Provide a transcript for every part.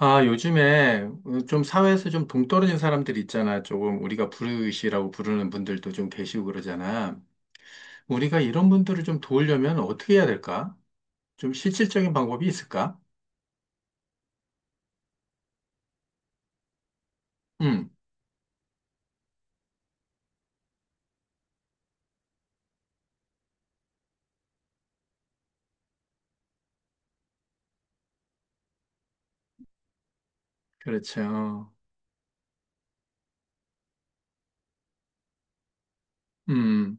아, 요즘에 좀 사회에서 좀 동떨어진 사람들 있잖아. 조금 우리가 불우이시라고 부르는 분들도 좀 계시고 그러잖아. 우리가 이런 분들을 좀 도우려면 어떻게 해야 될까? 좀 실질적인 방법이 있을까? 음, 그렇죠. 음,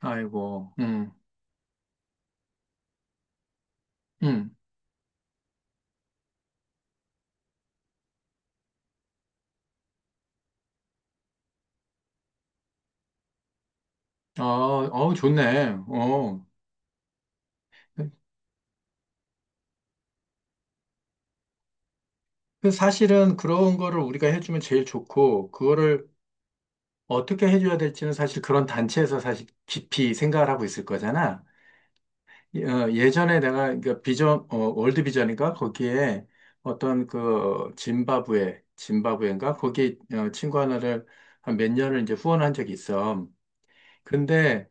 아이고, 음. 어, 어, 좋네. 어. 그 사실은 그런 거를 우리가 해주면 제일 좋고, 그거를 어떻게 해줘야 될지는 사실 그런 단체에서 사실 깊이 생각을 하고 있을 거잖아. 예, 예전에 내가 그 비전 월드 비전인가 거기에 어떤 그 짐바브웨 짐바브웨인가 거기 친구 하나를 한 몇 년을 이제 후원한 적이 있어. 근데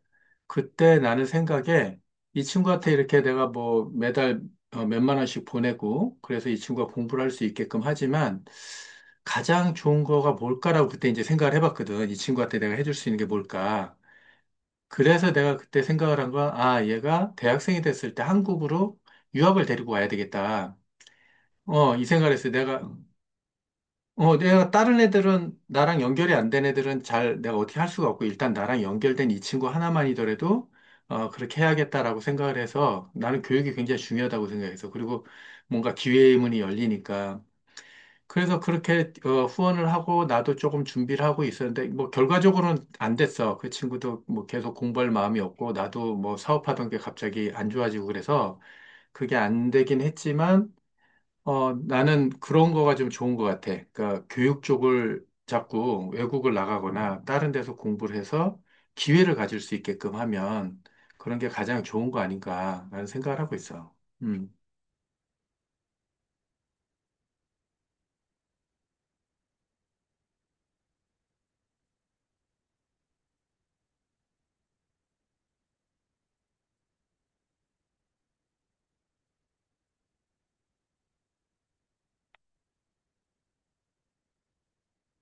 그때 나는 생각에 이 친구한테 이렇게 내가 뭐 매달 몇만 원씩 보내고 그래서 이 친구가 공부를 할 수 있게끔 하지만 가장 좋은 거가 뭘까라고 그때 이제 생각을 해봤거든. 이 친구한테 내가 해줄 수 있는 게 뭘까? 그래서 내가 그때 생각을 한 건, 아, 얘가 대학생이 됐을 때 한국으로 유학을 데리고 와야 되겠다. 어, 이 생각을 했어요. 내가 다른 애들은, 나랑 연결이 안 된 애들은 잘 내가 어떻게 할 수가 없고, 일단 나랑 연결된 이 친구 하나만이더라도, 어, 그렇게 해야겠다라고 생각을 해서 나는 교육이 굉장히 중요하다고 생각해서, 그리고 뭔가 기회의 문이 열리니까. 그래서 그렇게 후원을 하고 나도 조금 준비를 하고 있었는데 뭐 결과적으로는 안 됐어. 그 친구도 뭐 계속 공부할 마음이 없고 나도 뭐 사업하던 게 갑자기 안 좋아지고 그래서 그게 안 되긴 했지만 나는 그런 거가 좀 좋은 것 같아. 그러니까 교육 쪽을 자꾸 외국을 나가거나 다른 데서 공부를 해서 기회를 가질 수 있게끔 하면 그런 게 가장 좋은 거 아닌가라는 생각을 하고 있어. 음.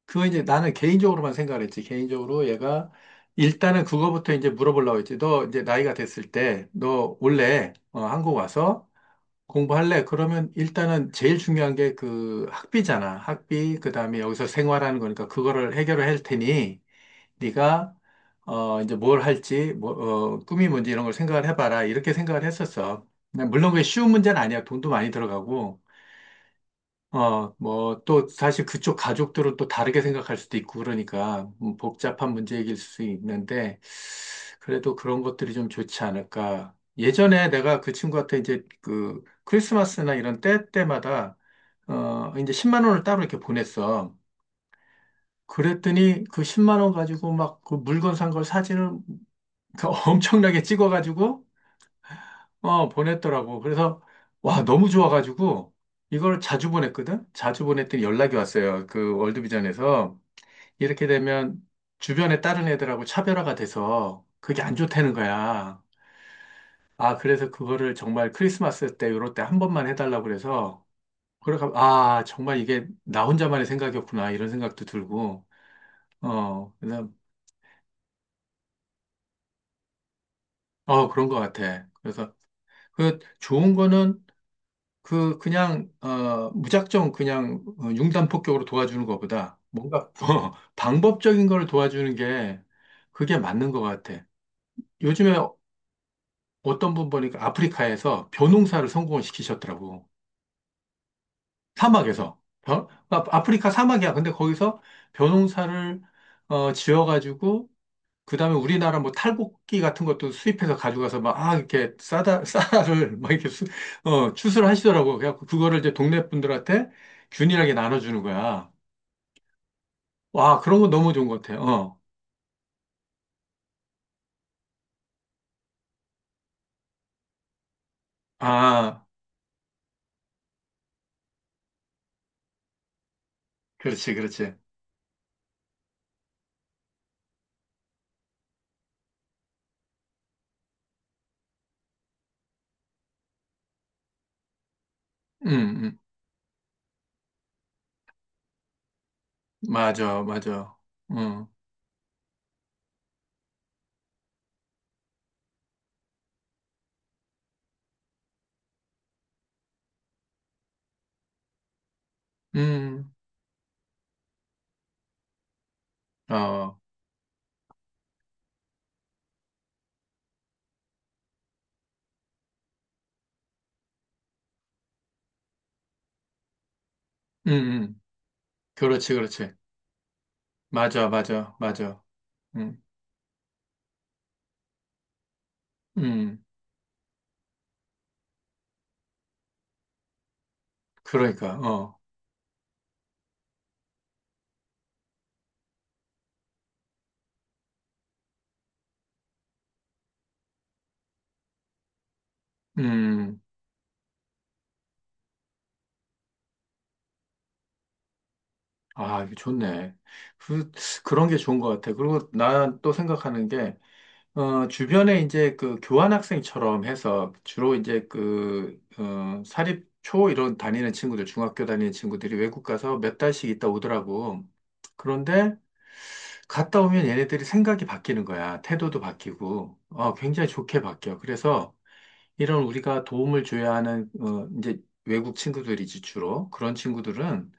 그거 이제 나는 개인적으로만 생각을 했지. 개인적으로 얘가 일단은 그거부터 이제 물어보려고 했지. 너 이제 나이가 됐을 때 너 원래 한국 와서 공부할래? 그러면 일단은 제일 중요한 게 그 학비잖아. 학비, 그 다음에 여기서 생활하는 거니까 그거를 해결을 할 테니 네가 이제 뭘 할지 뭐 꿈이 뭔지 이런 걸 생각을 해봐라. 이렇게 생각을 했었어. 근데 물론 그게 쉬운 문제는 아니야. 돈도 많이 들어가고. 어, 뭐, 또, 사실 그쪽 가족들은 또 다르게 생각할 수도 있고, 그러니까, 복잡한 문제일 수 있는데, 그래도 그런 것들이 좀 좋지 않을까. 예전에 내가 그 친구한테 이제 그 크리스마스나 이런 때 때마다, 이제 10만 원을 따로 이렇게 보냈어. 그랬더니 그 10만 원 가지고 막 그 물건 산 걸 사진을 엄청나게 찍어가지고 보냈더라고. 그래서, 와, 너무 좋아가지고, 이걸 자주 보냈거든? 자주 보냈더니 연락이 왔어요. 그 월드비전에서. 이렇게 되면 주변에 다른 애들하고 차별화가 돼서 그게 안 좋다는 거야. 아, 그래서 그거를 정말 크리스마스 때, 요럴 때 한 번만 해달라고 그래서, 그래가, 아, 정말 이게 나 혼자만의 생각이었구나. 이런 생각도 들고, 어, 그래서, 어, 그런 것 같아. 그래서, 그 좋은 거는 그냥 무작정 그냥 융단 폭격으로 도와주는 것보다 뭔가 방법적인 걸 도와주는 게 그게 맞는 것 같아. 요즘에 어떤 분 보니까 아프리카에서 벼농사를 성공을 시키셨더라고. 사막에서. 아, 아프리카 사막이야. 근데 거기서 벼농사를 지어가지고 그다음에 우리나라 뭐 탈곡기 같은 것도 수입해서 가져가서 막 아 이렇게 싸다 싸다를 막 이렇게 수, 추수를 하시더라고. 그래갖고 그거를 이제 동네 분들한테 균일하게 나눠주는 거야. 와 그런 거 너무 좋은 것 같아. 어. 아, 그렇지, 그렇지. 음, 음. 맞아, 맞아. 음, 음, 어, 음, 음. 그렇지, 그렇지. 맞아, 맞아, 맞아. 음, 음. 그러니까 음. 아, 이거 좋네. 그, 그런 게 좋은 것 같아. 그리고 난 또 생각하는 게, 주변에 이제 그 교환학생처럼 해서 주로 이제 그, 사립, 초 이런 다니는 친구들, 중학교 다니는 친구들이 외국 가서 몇 달씩 있다 오더라고. 그런데 갔다 오면 얘네들이 생각이 바뀌는 거야. 태도도 바뀌고, 굉장히 좋게 바뀌어. 그래서 이런 우리가 도움을 줘야 하는, 이제 외국 친구들이지 주로. 그런 친구들은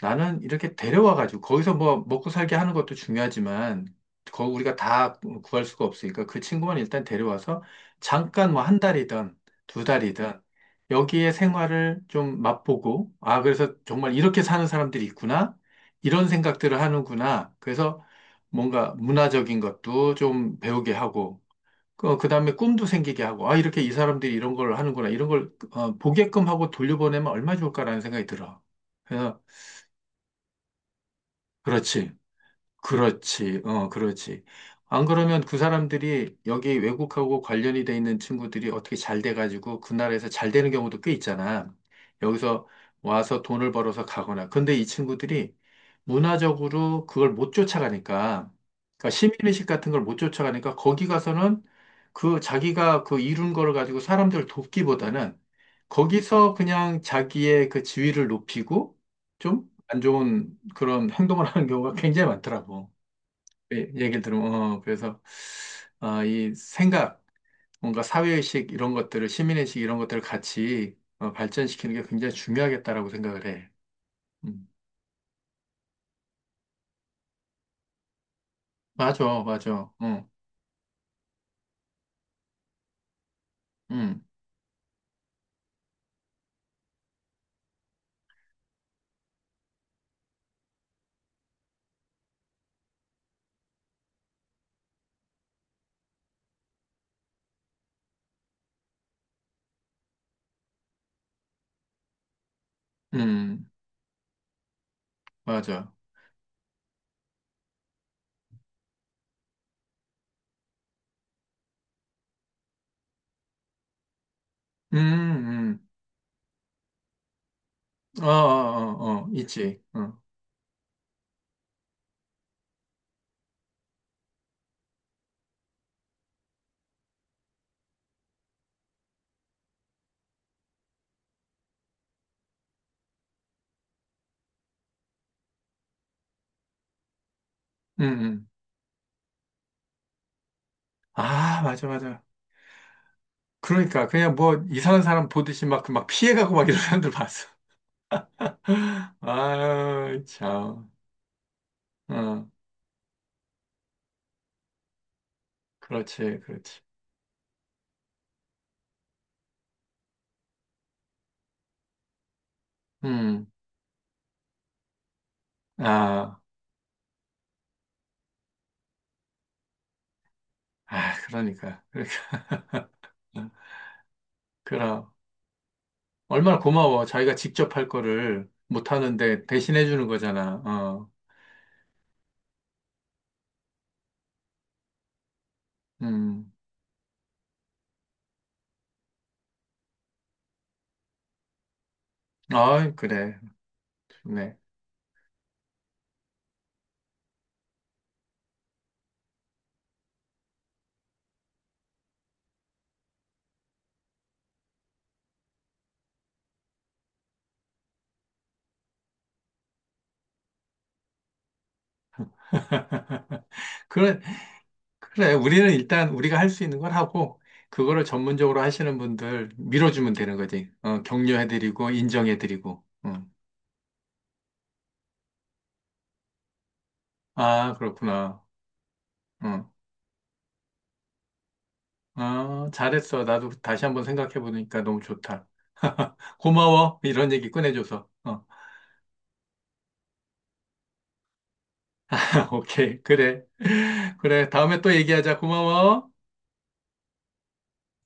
나는 이렇게 데려와가지고 거기서 뭐 먹고 살게 하는 것도 중요하지만 거 우리가 다 구할 수가 없으니까 그 친구만 일단 데려와서 잠깐 뭐 한 달이든 두 달이든 여기에 생활을 좀 맛보고 아 그래서 정말 이렇게 사는 사람들이 있구나 이런 생각들을 하는구나 그래서 뭔가 문화적인 것도 좀 배우게 하고 그다음에 꿈도 생기게 하고 아 이렇게 이 사람들이 이런 걸 하는구나 이런 걸 보게끔 하고 돌려보내면 얼마나 좋을까라는 생각이 들어. 그래서 그렇지. 그렇지, 그렇지. 안 그러면 그 사람들이 여기 외국하고 관련이 돼 있는 친구들이 어떻게 잘 돼가지고 그 나라에서 잘 되는 경우도 꽤 있잖아. 여기서 와서 돈을 벌어서 가거나. 근데 이 친구들이 문화적으로 그걸 못 쫓아가니까, 그러니까 시민의식 같은 걸 못 쫓아가니까 거기 가서는 그 자기가 그 이룬 거를 가지고 사람들을 돕기보다는 거기서 그냥 자기의 그 지위를 높이고 좀 안 좋은 그런 행동을 하는 경우가 굉장히 많더라고. 예, 얘기를 들으면, 그래서, 아, 이 생각, 뭔가 사회의식 이런 것들을, 시민의식 이런 것들을 같이 발전시키는 게 굉장히 중요하겠다라고 생각을 해. 음. 맞아, 맞아. 응, 응, 응, 맞아. 음, 어, 어, 어, 어, 있지. 어, 음, 음. 아, 맞아, 맞아. 그러니까, 그냥 뭐, 이상한 사람 보듯이 막, 그 막 피해가고 막 이런 사람들 봤어. 아유, 참. 어, 그렇지, 그렇지. 음, 아. 아, 그러니까. 그러니까. 그럼. 얼마나 고마워. 자기가 직접 할 거를 못 하는데 대신해 주는 거잖아. 어. 음. 아, 그래. 좋네. 그래, 그래. 우리는 일단 우리가 할 수 있는 걸 하고, 그거를 전문적으로 하시는 분들 밀어주면 되는 거지. 격려해드리고, 인정해드리고. 응. 아, 그렇구나. 응, 아, 잘했어. 나도 다시 한번 생각해보니까 너무 좋다. 고마워. 이런 얘기 꺼내줘서. 어. 오케이, 그래. 그래, 다음에 또 얘기하자. 고마워.